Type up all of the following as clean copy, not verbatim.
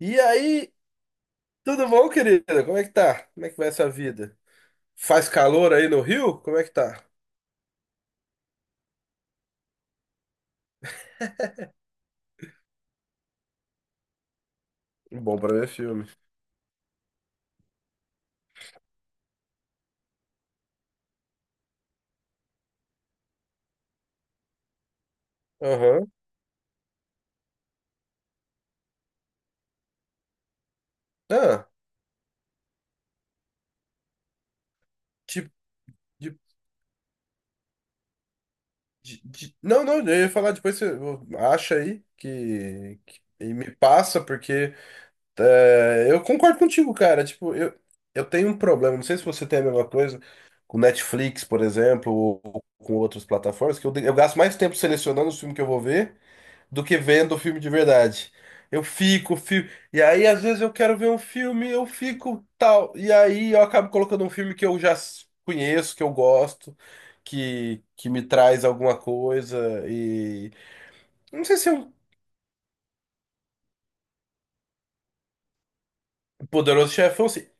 E aí, tudo bom, querida? Como é que tá? Como é que vai essa vida? Faz calor aí no Rio? Como é que tá? Bom pra ver filme. Aham. Ah, tipo. De, Não, não, eu ia falar depois, você acha aí e me passa, porque eu concordo contigo, cara. Tipo, eu tenho um problema, não sei se você tem a mesma coisa, com Netflix, por exemplo, ou com outras plataformas, que eu gasto mais tempo selecionando os filmes que eu vou ver do que vendo o filme de verdade. Eu fico, fico. E aí, às vezes, eu quero ver um filme, eu fico tal. E aí, eu acabo colocando um filme que eu já conheço, que eu gosto, que me traz alguma coisa. E. Não sei se é um Poderoso Chefão.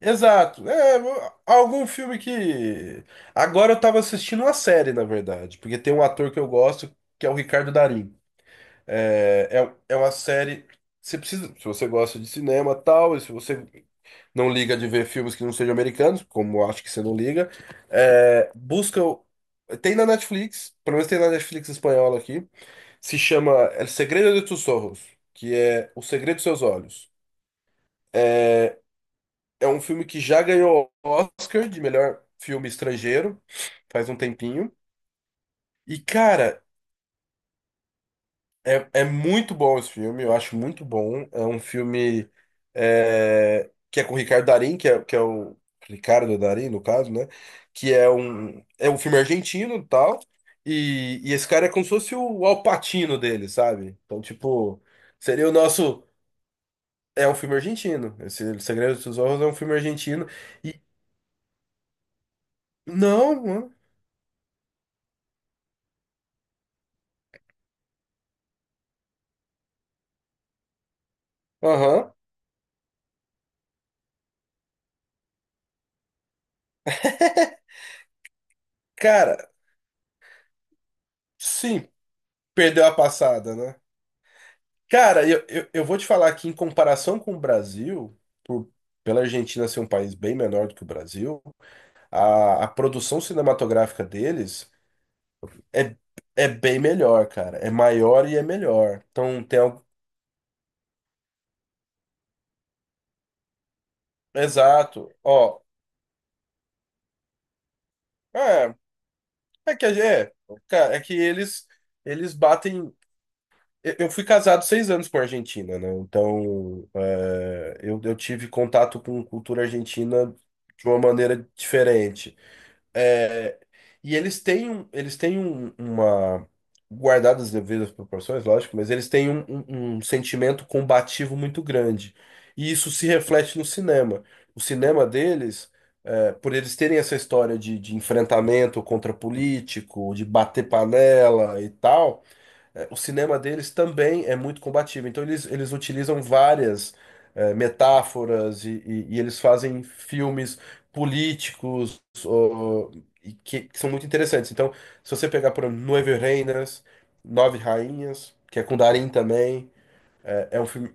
Exato. É, algum filme que. Agora eu tava assistindo uma série, na verdade, porque tem um ator que eu gosto, que é o Ricardo Darín. É uma série. Você precisa, se você gosta de cinema, tal, e se você não liga de ver filmes que não sejam americanos, como eu acho que você não liga. É, busca. Tem na Netflix, pelo menos tem na Netflix espanhola aqui, se chama El Segredo de Tus Ojos, que é O Segredo dos Seus Olhos. É um filme que já ganhou Oscar de melhor filme estrangeiro, faz um tempinho. E, cara, é muito bom esse filme, eu acho muito bom. É um filme que é com o Ricardo Darín, que é o Ricardo Darín, no caso, né? Que é um filme argentino e tal. E esse cara é como se fosse o Al Pacino dele, sabe? Então, tipo, seria o nosso. É um filme argentino. Esse O Segredo dos Olhos é um filme argentino. E. Não, mano. Aham. Cara, sim, perdeu a passada, né? Cara, eu vou te falar que, em comparação com o Brasil, por- pela Argentina ser um país bem menor do que o Brasil, a produção cinematográfica deles é, é bem melhor, cara. É maior e é melhor. Então, tem algo. Exato. Ó, é, é que a cara, é que eles batem. Eu fui casado 6 anos com a Argentina, né? Então, eu tive contato com cultura argentina de uma maneira diferente. E eles têm, eles têm uma. Guardadas as devidas proporções, lógico, mas eles têm um sentimento combativo muito grande. E isso se reflete no cinema. O cinema deles, por eles terem essa história de, enfrentamento contra político, de bater panela e tal, o cinema deles também é muito combativo. Então eles utilizam várias metáforas e eles fazem filmes políticos, ó, e que são muito interessantes. Então, se você pegar, por exemplo, Nove Reinas, Nove Rainhas, que é com Darin também, é, é um filme,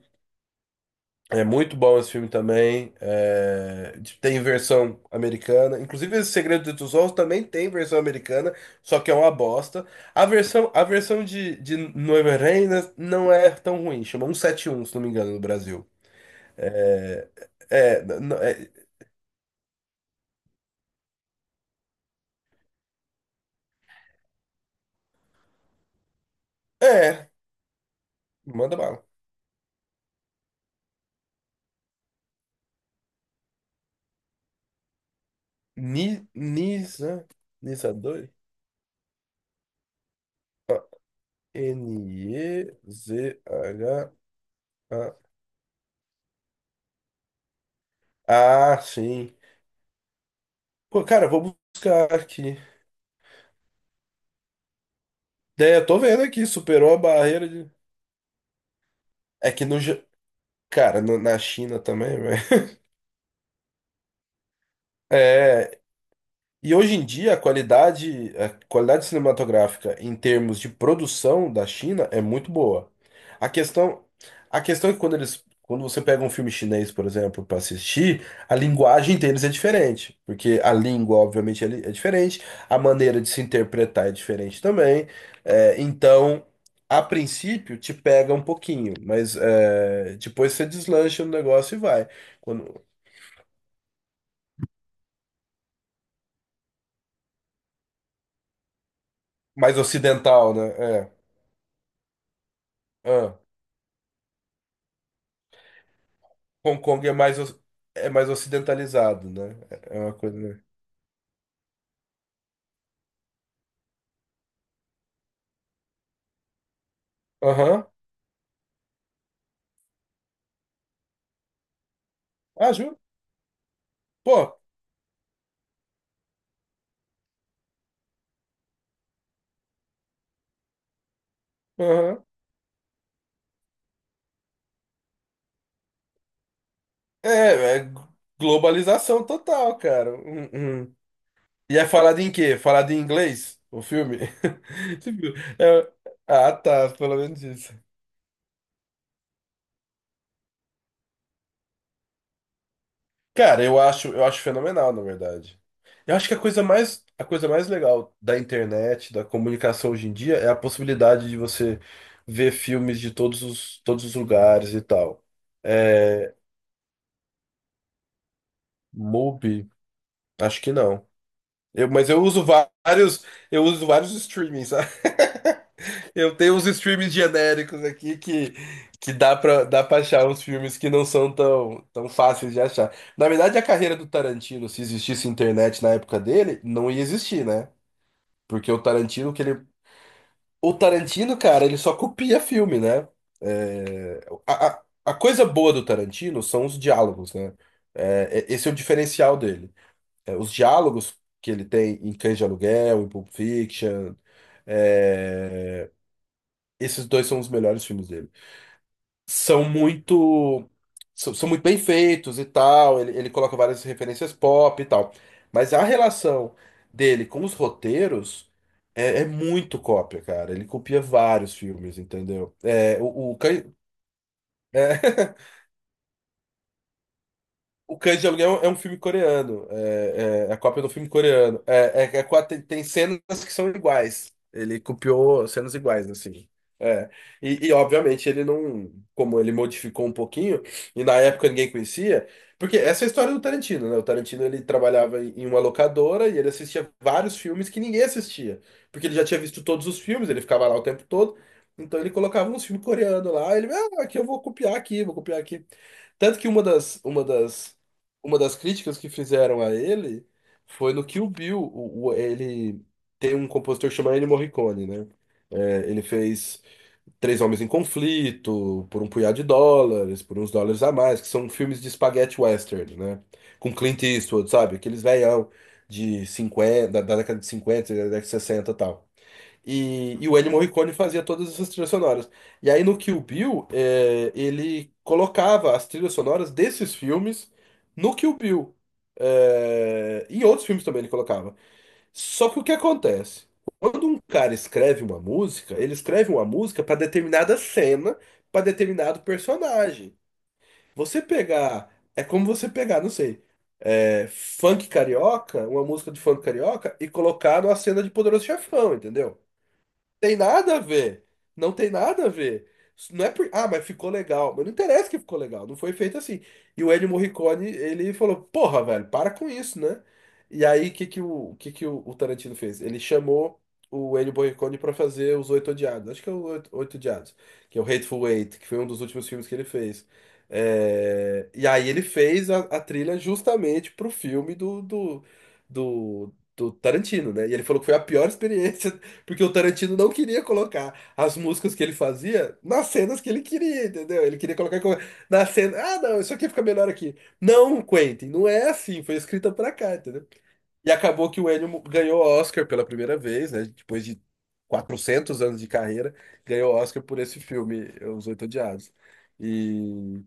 é muito bom esse filme também. Tem versão americana. Inclusive, esse Segredo dos Olhos também tem versão americana, só que é uma bosta. A versão de Noiva Reina não é tão ruim. Chama 171, se não me engano, no Brasil. É. É. É. Manda bala. Nisa. Nisa 2? Nezha. Ah, sim. Pô, cara, eu vou buscar aqui. É, eu tô vendo aqui, superou a barreira de. É que no. Cara, na China também, velho. É. E hoje em dia a qualidade cinematográfica em termos de produção da China é muito boa. A questão, a questão é que quando você pega um filme chinês, por exemplo, para assistir, a linguagem deles é diferente, porque a língua, obviamente, é é diferente, a maneira de se interpretar é diferente também. Então, a princípio, te pega um pouquinho, mas depois você deslancha no negócio e vai. Quando- mais ocidental, né? É. Hong Kong é mais ocidentalizado, né? É uma coisa, né? Aham. Ah, juro? Pô, aham. É, é globalização total, cara. Hum. E é falado em quê? Falado em inglês? O filme? Tipo, é- Ah, tá, pelo menos isso. Cara, eu acho fenomenal, na verdade. Eu acho que a coisa mais legal da internet, da comunicação hoje em dia, é a possibilidade de você ver filmes de todos os lugares e tal. É, Mubi? Acho que não. Mas eu uso vários streamings, sabe? Eu tenho uns streamings genéricos aqui que, dá pra achar uns filmes que não são tão, tão fáceis de achar. Na verdade, a carreira do Tarantino, se existisse internet na época dele, não ia existir, né? Porque o Tarantino, que ele... O Tarantino, cara, ele só copia filme, né? É, a coisa boa do Tarantino são os diálogos, né? Esse é o diferencial dele. Os diálogos que ele tem em Cães de Aluguel, em Pulp Fiction, é, esses dois são os melhores filmes dele. São muito, são muito bem feitos e tal. Ele coloca várias referências pop e tal. Mas a relação dele com os roteiros é muito cópia, cara. Ele copia vários filmes, entendeu? É, o Cães- é. O Cães de Aluguel é um filme coreano. É a cópia do filme coreano. Tem, tem cenas que são iguais. Ele copiou cenas iguais, assim. É. Obviamente ele não. Como ele modificou um pouquinho, e na época ninguém conhecia. Porque essa é a história do Tarantino, né? O Tarantino ele trabalhava em uma locadora e ele assistia vários filmes que ninguém assistia. Porque ele já tinha visto todos os filmes, ele ficava lá o tempo todo. Então ele colocava uns filmes coreanos lá. Ele, ah, aqui eu vou copiar aqui, vou copiar aqui. Tanto que uma das críticas que fizeram a ele foi no Kill Bill. Ele tem um compositor que chama Ennio Morricone, né? É, ele fez Três Homens em Conflito, por um punhado de dólares, por uns dólares a mais, que são filmes de spaghetti western, né? Com Clint Eastwood, sabe? Aqueles velhão de 50 da década de cinquenta, da década de 60 e tal. E o Ennio Morricone fazia todas essas trilhas sonoras. E aí no Kill Bill, é, ele colocava as trilhas sonoras desses filmes no Kill Bill. É, em outros filmes também ele colocava. Só que o que acontece? Quando um cara escreve uma música, ele escreve uma música para determinada cena, para determinado personagem. Você pegar. É como você pegar, não sei, funk carioca, uma música de funk carioca, e colocar numa cena de Poderoso Chefão, entendeu? Tem nada a ver. Não tem nada a ver. Isso não é por... Ah, mas ficou legal. Mas não interessa que ficou legal. Não foi feito assim. E o Ennio Morricone, ele falou, porra, velho, para com isso, né? E aí, o que que o Tarantino fez? Ele chamou o Ennio Morricone pra fazer Os Oito Odiados. Acho que é o Oito, Oito Odiados. Que é o Hateful Eight, que foi um dos últimos filmes que ele fez. E aí ele fez a trilha justamente pro filme do Tarantino, né? E ele falou que foi a pior experiência porque o Tarantino não queria colocar as músicas que ele fazia nas cenas que ele queria, entendeu? Ele queria colocar na cena. Ah, não, isso aqui fica melhor aqui. Não, Quentin, não é assim. Foi escrita pra cá, entendeu? E acabou que o Ennio ganhou o Oscar pela primeira vez, né? Depois de 400 anos de carreira, ganhou o Oscar por esse filme, Os Oito Odiados. E.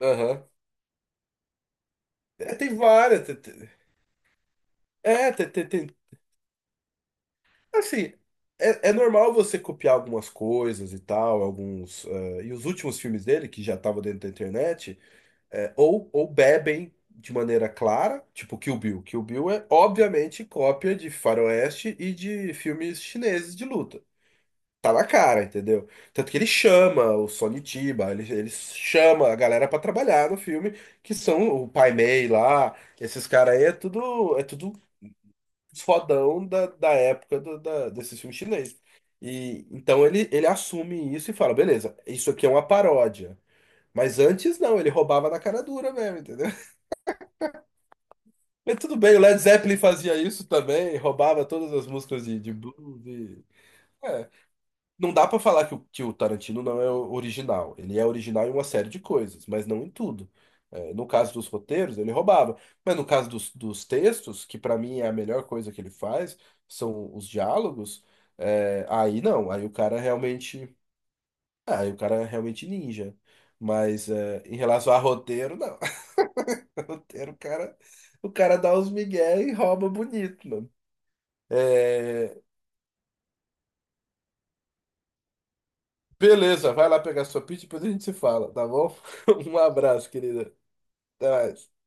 Aham. É, tem várias. É, tem, tem, tem assim, é normal você copiar algumas coisas e tal, alguns. E os últimos filmes dele, que já estavam dentro da internet, ou bebem de maneira clara, tipo Kill Bill. Kill Bill é, obviamente, cópia de faroeste e de filmes chineses de luta. Tá na cara, entendeu? Tanto que ele chama o Sonny Chiba, ele chama a galera pra trabalhar no filme, que são o Pai Mei lá, esses caras aí é tudo fodão da época desses filmes chineses. E então ele assume isso e fala: beleza, isso aqui é uma paródia. Mas antes não, ele roubava na cara dura mesmo, entendeu? Mas tudo bem, o Led Zeppelin fazia isso também, roubava todas as músicas de, blues. E... É, não dá pra falar que o Tarantino não é original. Ele é original em uma série de coisas, mas não em tudo. É, no caso dos roteiros, ele roubava. Mas no caso dos textos, que pra mim é a melhor coisa que ele faz, são os diálogos, aí não. Aí o cara realmente. Aí o cara é realmente ninja. Mas em relação a roteiro, não. Roteiro, o cara dá uns migué e rouba bonito, mano. É, beleza, vai lá pegar sua pizza e depois a gente se fala, tá bom? Um abraço, querida. Até mais.